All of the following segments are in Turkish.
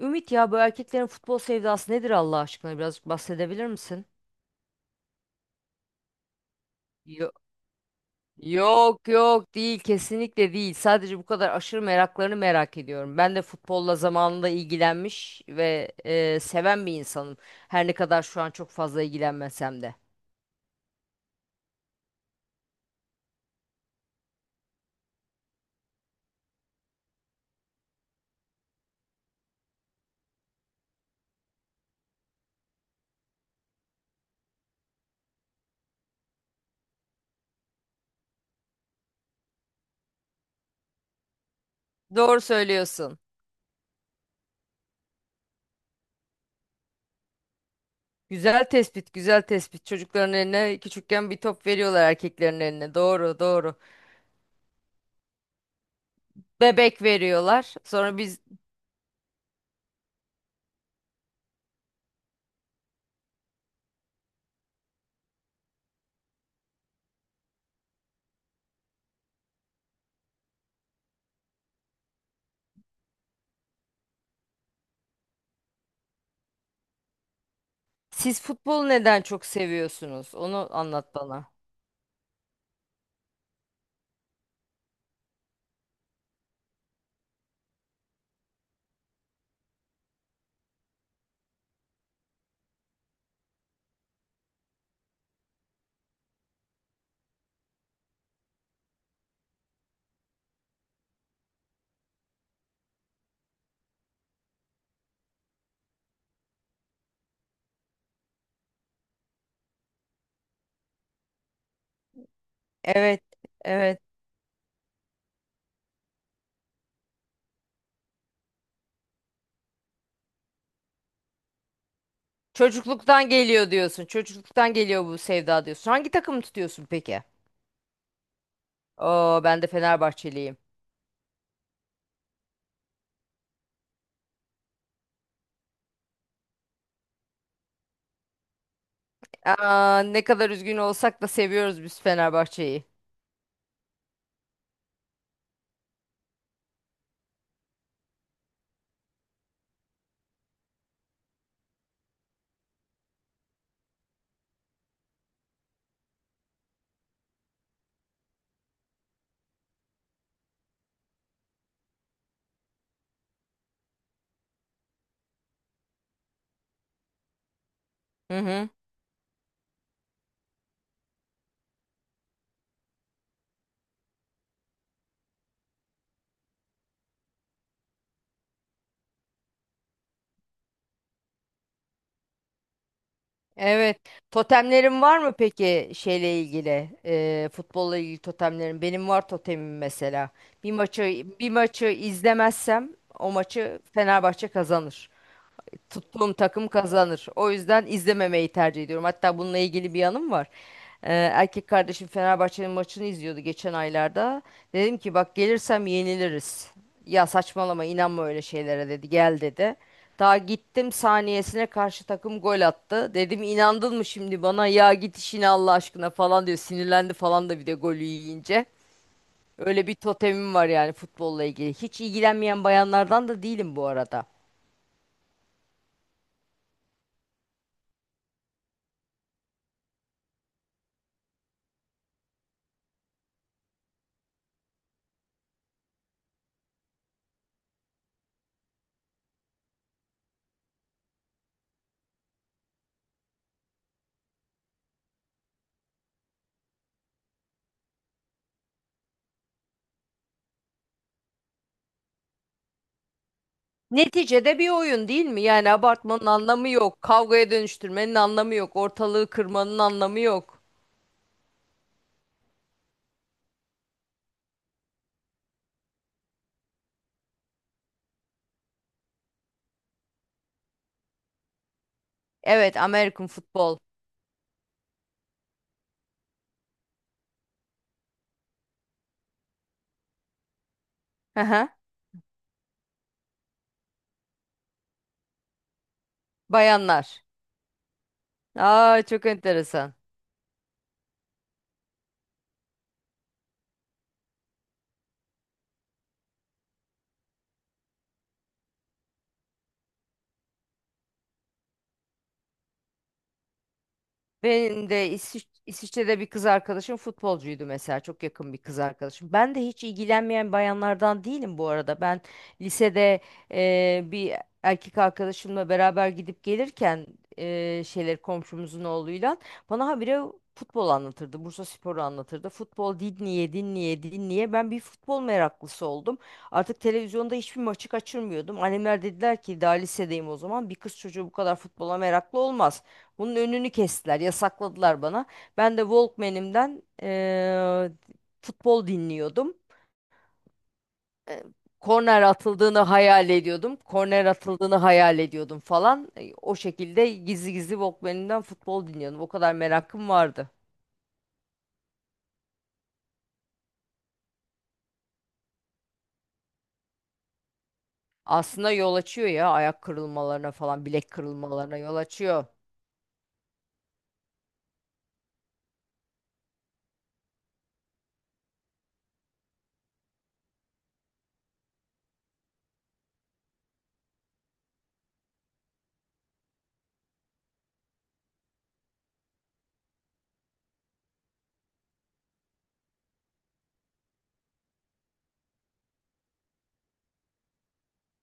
Ümit, ya bu erkeklerin futbol sevdası nedir Allah aşkına? Birazcık bahsedebilir misin? Yo- Yok yok, değil, kesinlikle değil. Sadece bu kadar aşırı meraklarını merak ediyorum. Ben de futbolla zamanında ilgilenmiş ve seven bir insanım. Her ne kadar şu an çok fazla ilgilenmesem de. Doğru söylüyorsun. Güzel tespit, güzel tespit. Çocukların eline küçükken bir top veriyorlar, erkeklerin eline. Doğru, doğru. Bebek veriyorlar. Sonra biz, siz futbolu neden çok seviyorsunuz? Onu anlat bana. Evet, evet. Çocukluktan geliyor diyorsun. Çocukluktan geliyor bu sevda diyorsun. Hangi takımı tutuyorsun peki? Oo, ben de Fenerbahçeliyim. Aa, ne kadar üzgün olsak da seviyoruz biz Fenerbahçe'yi. Hı hı. Evet. Totemlerin var mı peki şeyle ilgili? Futbolla ilgili totemlerin. Benim var totemim mesela. Bir maçı, bir maçı izlemezsem o maçı Fenerbahçe kazanır. Tuttuğum takım kazanır. O yüzden izlememeyi tercih ediyorum. Hatta bununla ilgili bir yanım var. Erkek kardeşim Fenerbahçe'nin maçını izliyordu geçen aylarda. Dedim ki, bak gelirsem yeniliriz. Ya saçmalama, inanma öyle şeylere, dedi. Gel, dedi. Daha gittim saniyesine karşı takım gol attı. Dedim, inandın mı şimdi bana, ya git işine Allah aşkına falan diyor. Sinirlendi falan da, bir de golü yiyince. Öyle bir totemim var yani futbolla ilgili. Hiç ilgilenmeyen bayanlardan da değilim bu arada. Neticede bir oyun değil mi? Yani abartmanın anlamı yok. Kavgaya dönüştürmenin anlamı yok. Ortalığı kırmanın anlamı yok. Evet, American futbol. Hı hı. Bayanlar. Aa, çok enteresan. Benim de İsviçre'de bir kız arkadaşım futbolcuydu mesela. Çok yakın bir kız arkadaşım. Ben de hiç ilgilenmeyen bayanlardan değilim bu arada. Ben lisede bir erkek arkadaşımla beraber gidip gelirken şeyleri, komşumuzun oğluyla bana habire futbol anlatırdı. Bursa Spor'u anlatırdı. Futbol dinleye dinleye dinleye ben bir futbol meraklısı oldum. Artık televizyonda hiçbir maçı kaçırmıyordum. Annemler dediler ki, daha lisedeyim o zaman, bir kız çocuğu bu kadar futbola meraklı olmaz. Bunun önünü kestiler, yasakladılar bana. Ben de Walkman'imden futbol dinliyordum. E, Korner atıldığını hayal ediyordum. Korner atıldığını hayal ediyordum falan. O şekilde gizli gizli Walkman'imden futbol dinliyordum. O kadar merakım vardı. Aslında yol açıyor ya, ayak kırılmalarına falan, bilek kırılmalarına yol açıyor.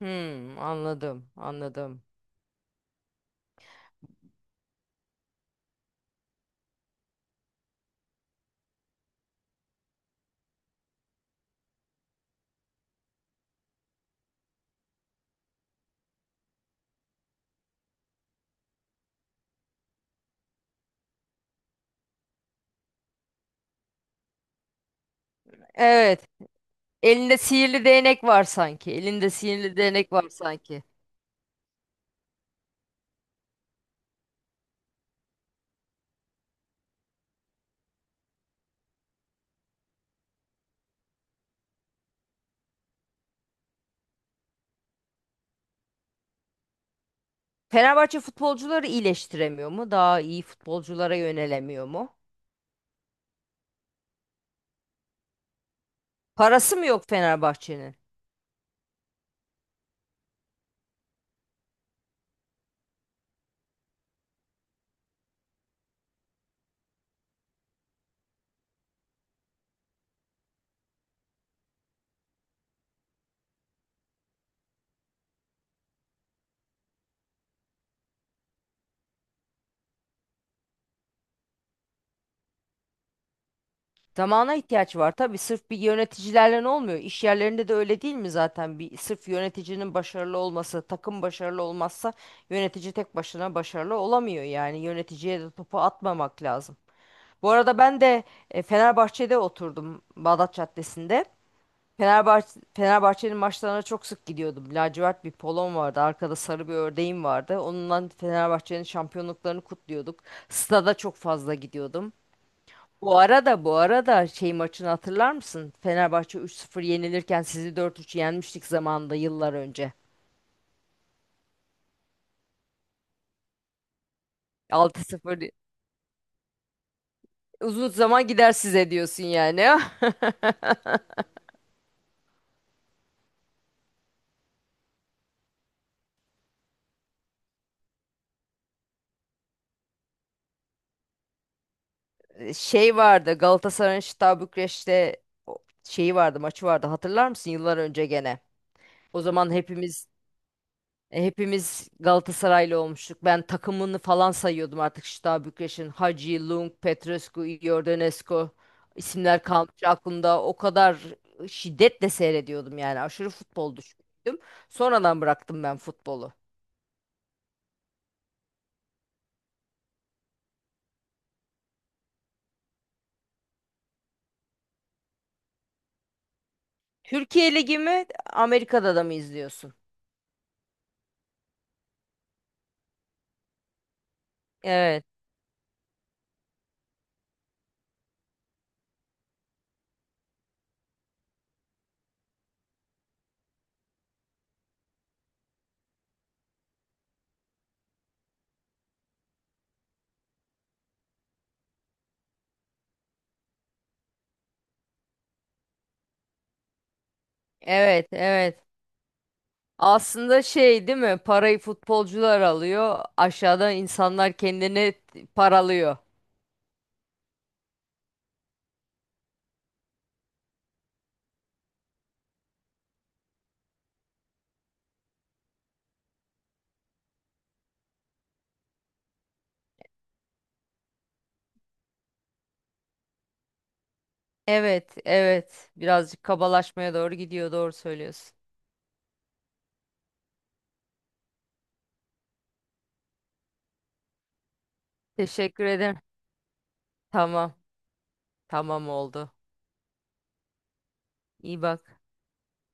Hmm, anladım, anladım. Evet, elinde sihirli değnek var sanki. Elinde sihirli değnek var sanki. Fenerbahçe futbolcuları iyileştiremiyor mu? Daha iyi futbolculara yönelemiyor mu? Parası mı yok Fenerbahçe'nin? Zamana ihtiyaç var tabii. Sırf bir yöneticilerle ne olmuyor? İş yerlerinde de öyle değil mi zaten? Bir sırf yöneticinin başarılı olması, takım başarılı olmazsa yönetici tek başına başarılı olamıyor yani. Yöneticiye de topu atmamak lazım. Bu arada ben de Fenerbahçe'de oturdum, Bağdat Caddesi'nde. Fenerbahçe'nin maçlarına çok sık gidiyordum. Lacivert bir polon vardı. Arkada sarı bir ördeğim vardı. Onunla Fenerbahçe'nin şampiyonluklarını kutluyorduk. Stada çok fazla gidiyordum. Bu arada, şey maçını hatırlar mısın? Fenerbahçe 3-0 yenilirken sizi 4-3 yenmiştik zamanında, yıllar önce. 6-0 uzun zaman gider size diyorsun yani. Şey vardı, Galatasaray'ın Şıta Bükreş'te o- şeyi vardı, maçı vardı, hatırlar mısın, yıllar önce gene. O zaman hepimiz E, Hepimiz Galatasaraylı olmuştuk. Ben takımını falan sayıyordum artık Şita Bükreş'in. Hagi, Lung, Petrescu, Iordanescu, isimler kalmış aklımda. O kadar şiddetle seyrediyordum yani. Aşırı futbol düşkünüydüm. Sonradan bıraktım ben futbolu. Türkiye Ligi mi, Amerika'da da mı izliyorsun? Evet, evet, evet. Aslında şey değil mi? Parayı futbolcular alıyor. Aşağıdan insanlar kendini paralıyor. Evet, evet. Birazcık kabalaşmaya doğru gidiyor. Doğru söylüyorsun. Teşekkür ederim. Tamam, tamam oldu. İyi bak.